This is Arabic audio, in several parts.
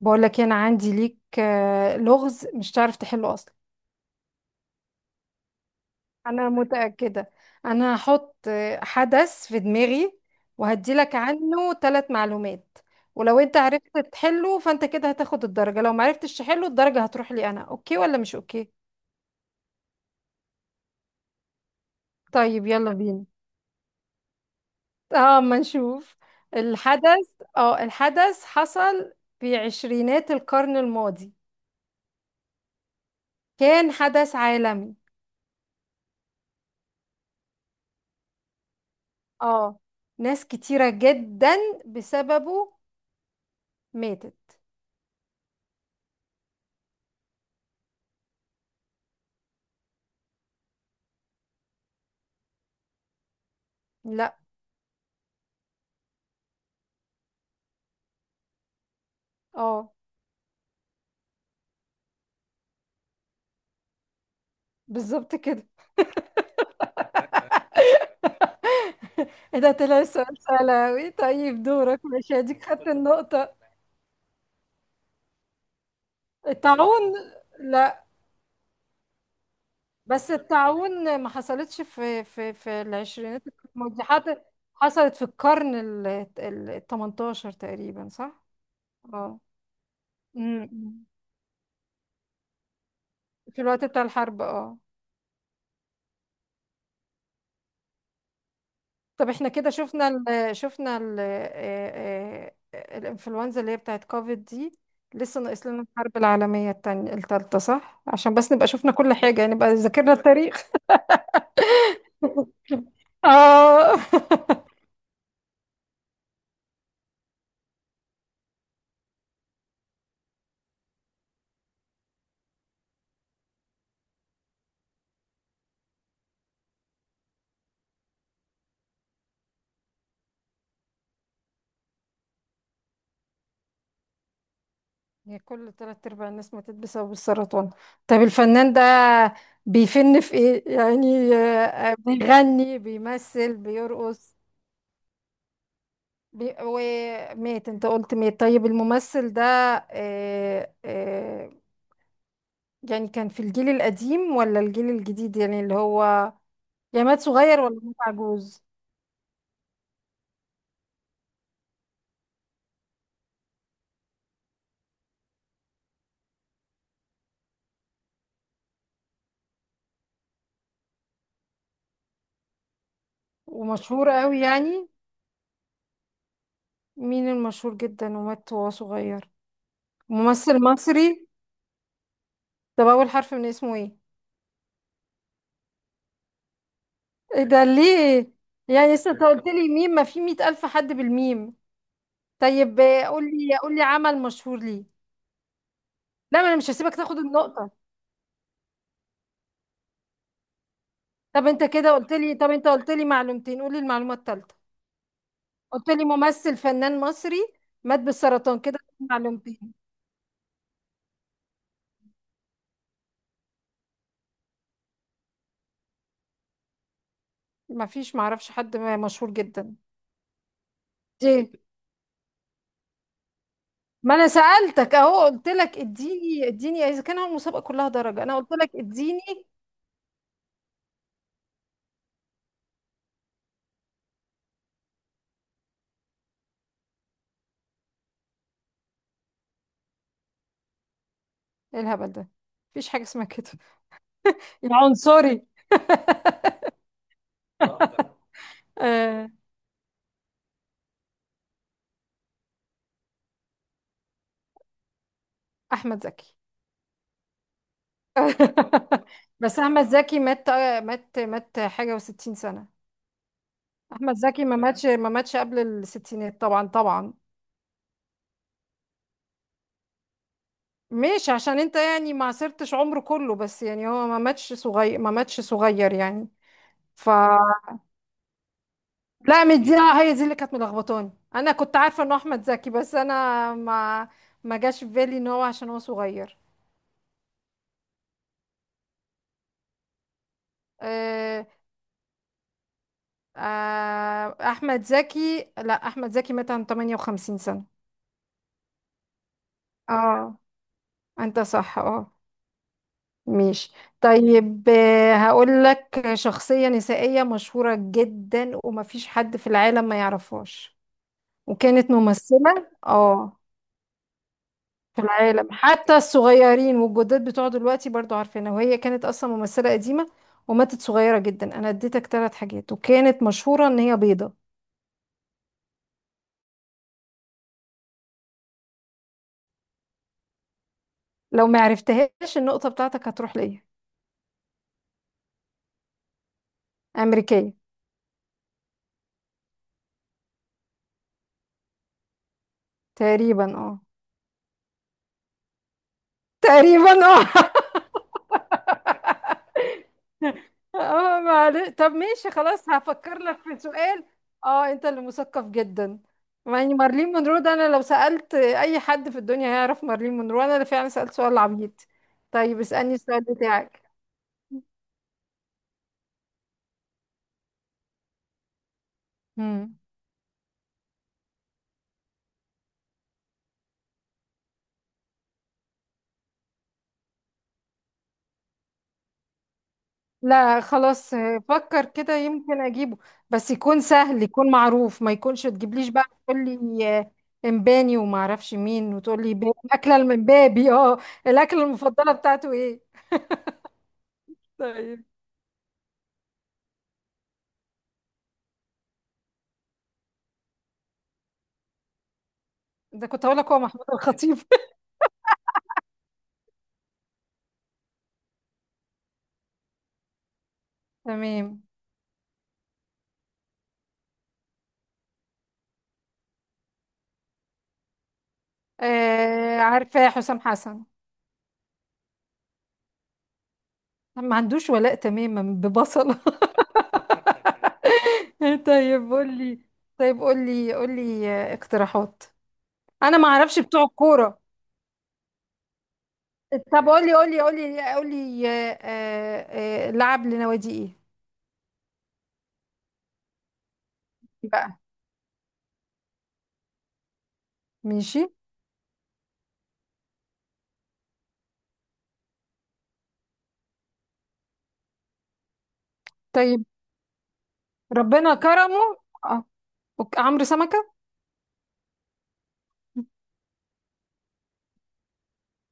بقول لك إيه، انا عندي ليك لغز مش تعرف تحله اصلا. انا متأكدة. انا هحط حدث في دماغي، وهدي لك عنه 3 معلومات. ولو انت عرفت تحله فانت كده هتاخد الدرجة، لو ما عرفتش تحله الدرجة هتروح لي انا. اوكي ولا مش اوكي؟ طيب يلا بينا. اه، ما نشوف. الحدث اه الحدث حصل في عشرينات القرن الماضي. كان حدث عالمي. اه، ناس كتيرة جدا بسببه ماتت. لا. اه، بالظبط كده. ايه ده، طلع السؤال سهل اوي. طيب دورك، ماشي اديك خدت النقطة. الطاعون. لا. بس الطاعون ما حصلتش في العشرينات القديمة. دي حصلت في القرن ال 18 تقريبا، صح؟ اه. أمم. امم. في الوقت بتاع الحرب اه طب احنا كده شفنا ال شفنا ال آه، آه، الانفلونزا اللي هي بتاعت كوفيد دي. لسه ناقص لنا الحرب العالمية التانية، التالتة، صح؟ عشان بس نبقى شفنا كل حاجة، يعني نبقى ذاكرنا التاريخ. اه هي كل تلات ارباع الناس ماتت بسبب السرطان. طب الفنان ده بيفن في ايه؟ يعني، بيغني، بيمثل، بيرقص؟ ومات، انت قلت مات. طيب الممثل ده، آه، آه، يعني كان في الجيل القديم ولا الجيل الجديد، يعني اللي هو يعني مات صغير ولا مات عجوز؟ ومشهور قوي يعني؟ مين المشهور جدا ومات وهو صغير؟ ممثل مصري. طب أول حرف من اسمه ايه؟ ايه ده ليه؟ يعني لسه انت قلت لي ميم، ما في مئة ألف حد بالميم. طيب قول لي عمل مشهور ليه. لا، ما انا مش هسيبك تاخد النقطة. طب انت قلت لي معلومتين، قول لي المعلومة الثالثة. قلت لي ممثل فنان مصري مات بالسرطان كده، معلومتين. ما فيش، معرفش حد مشهور جدا دي. ما انا سألتك اهو، قلت لك اديني اذا كان هو المسابقة كلها درجة، انا قلت لك اديني. إيه الهبل ده؟ مفيش حاجة اسمها كده، يا عنصري آه، احمد زكي بس احمد زكي مات حاجة وستين سنة. احمد زكي ما ماتش قبل الستينات، طبعا طبعا. مش عشان انت يعني ما عاصرتش عمره كله، بس يعني هو ما ماتش صغير، ما ماتش صغير يعني. ف لا مش دي، هي دي اللي كانت ملخبطاني، انا كنت عارفه انه احمد زكي، بس انا ما جاش في بالي ان هو عشان هو صغير. آه، احمد زكي، لا، احمد زكي مات عن 58 سنه. اه، انت صح، اه. ماشي. طيب، هقول لك شخصيه نسائيه مشهوره جدا ومفيش حد في العالم ما يعرفهاش، وكانت ممثله اه في العالم حتى الصغيرين والجداد بتوع دلوقتي برضو عارفينها، وهي كانت اصلا ممثلة قديمة وماتت صغيرة جدا. انا اديتك 3 حاجات، وكانت مشهورة ان هي بيضة. لو ما عرفتهاش النقطة بتاعتك هتروح ليا. امريكية. تقريبا اه تقريبا اه اه، معلش. طب ماشي، خلاص هفكر لك في سؤال. اه، انت اللي مثقف جدا. يعني مارلين مونرو ده، انا لو سألت اي حد في الدنيا هيعرف مارلين مونرو. انا اللي فعلا سألت سؤال عبيط. طيب اسألني السؤال بتاعك. مم. لا خلاص، فكر كده يمكن اجيبه. بس يكون سهل، يكون معروف، ما يكونش تجيبليش بقى تقول لي امباني وما اعرفش مين، وتقول لي الاكله المبابي اه الاكله المفضله بتاعته ايه؟ طيب. ده كنت هقول لك هو محمود الخطيب تمام. آه، عارفاه، حسام حسن. ما عندوش ولاء تماما، ببصله طيب قول لي، اقتراحات، انا ما اعرفش بتوع الكوره. طب قولي لعب لنوادي ايه؟ بقى ماشي، طيب ربنا كرمه. اه. عمرو سمكة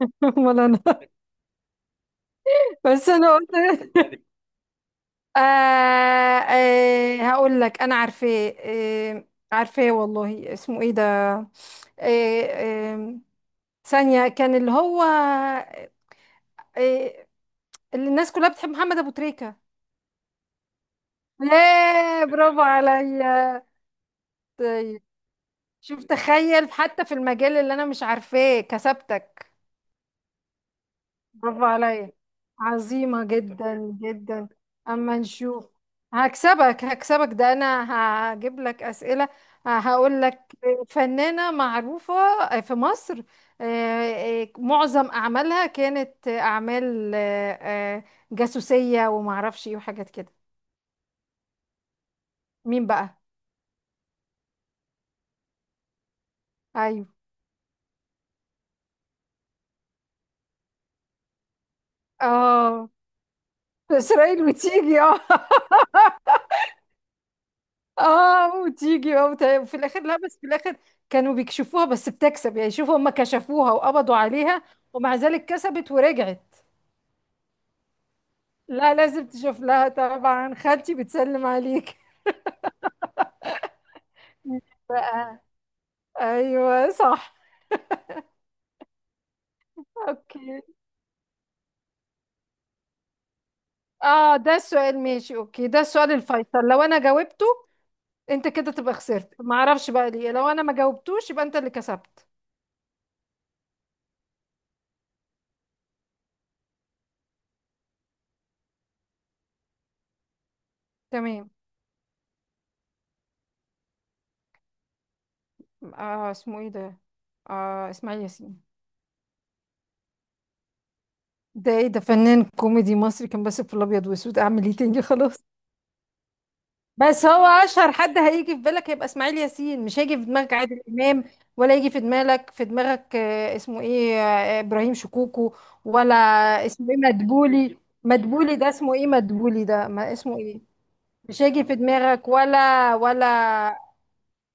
ولا انا بس انا قلت هقول لك انا عارفاه، عارفاه والله. اسمه ايه ده؟ آه آه ثانية، كان اللي هو آه اللي الناس كلها بتحب، محمد ابو تريكة. ياه برافو عليا. طيب. شوف، تخيل حتى في المجال اللي انا مش عارفاه كسبتك. برافو عليا، عظيمة جدا جدا. اما نشوف. هكسبك، ده انا هجيب لك اسئلة. هقول لك فنانة معروفة في مصر، معظم اعمالها كانت اعمال آه، جاسوسية، ومعرفش ايه وحاجات كده. مين بقى؟ ايوه. اه، اسرائيل بتيجي اه وتيجي، وفي الاخر، لا، بس في الاخر كانوا بيكشفوها، بس بتكسب يعني. شوفوا، هم كشفوها وقبضوا عليها، ومع ذلك كسبت ورجعت. لا لازم تشوف لها طبعا، خالتي بتسلم عليك. بقى ايوه صح. اوكي. اه، ده السؤال، ماشي. اوكي، ده السؤال الفيصل. لو انا جاوبته انت كده تبقى خسرت، ما اعرفش بقى ليه، لو انا ما جاوبتوش يبقى انت اللي كسبت. تمام. اه، اسمه ايه ده؟ اه، اسماعيل ياسين. ده ايه ده، فنان كوميدي مصري كان بس في الابيض واسود، اعمل ايه تاني خلاص. بس هو اشهر حد هيجي في بالك هيبقى اسماعيل ياسين، مش هيجي في دماغك عادل امام، ولا يجي في دماغك اسمه ايه، ابراهيم شكوكو، ولا اسمه ايه مدبولي. مدبولي ده اسمه ايه، مدبولي ده ما اسمه ايه؟ مش هيجي في دماغك ولا ولا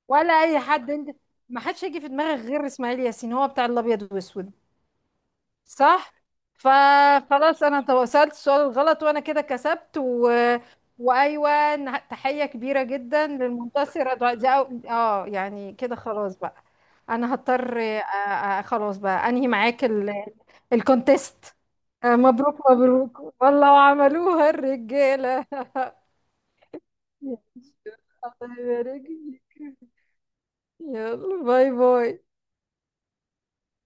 ولا اي حد انت. ما حدش هيجي في دماغك غير اسماعيل ياسين، هو بتاع الابيض واسود. صح. فخلاص، انا سألت السؤال الغلط، وانا كده كسبت. وايوه، تحية كبيرة جدا للمنتصرة دعاء دي. اه، يعني كده خلاص بقى. انا هضطر، خلاص بقى انهي معاك الكونتيست. مبروك، مبروك والله، وعملوها الرجالة يا الله يبارك فيك. يلا باي باي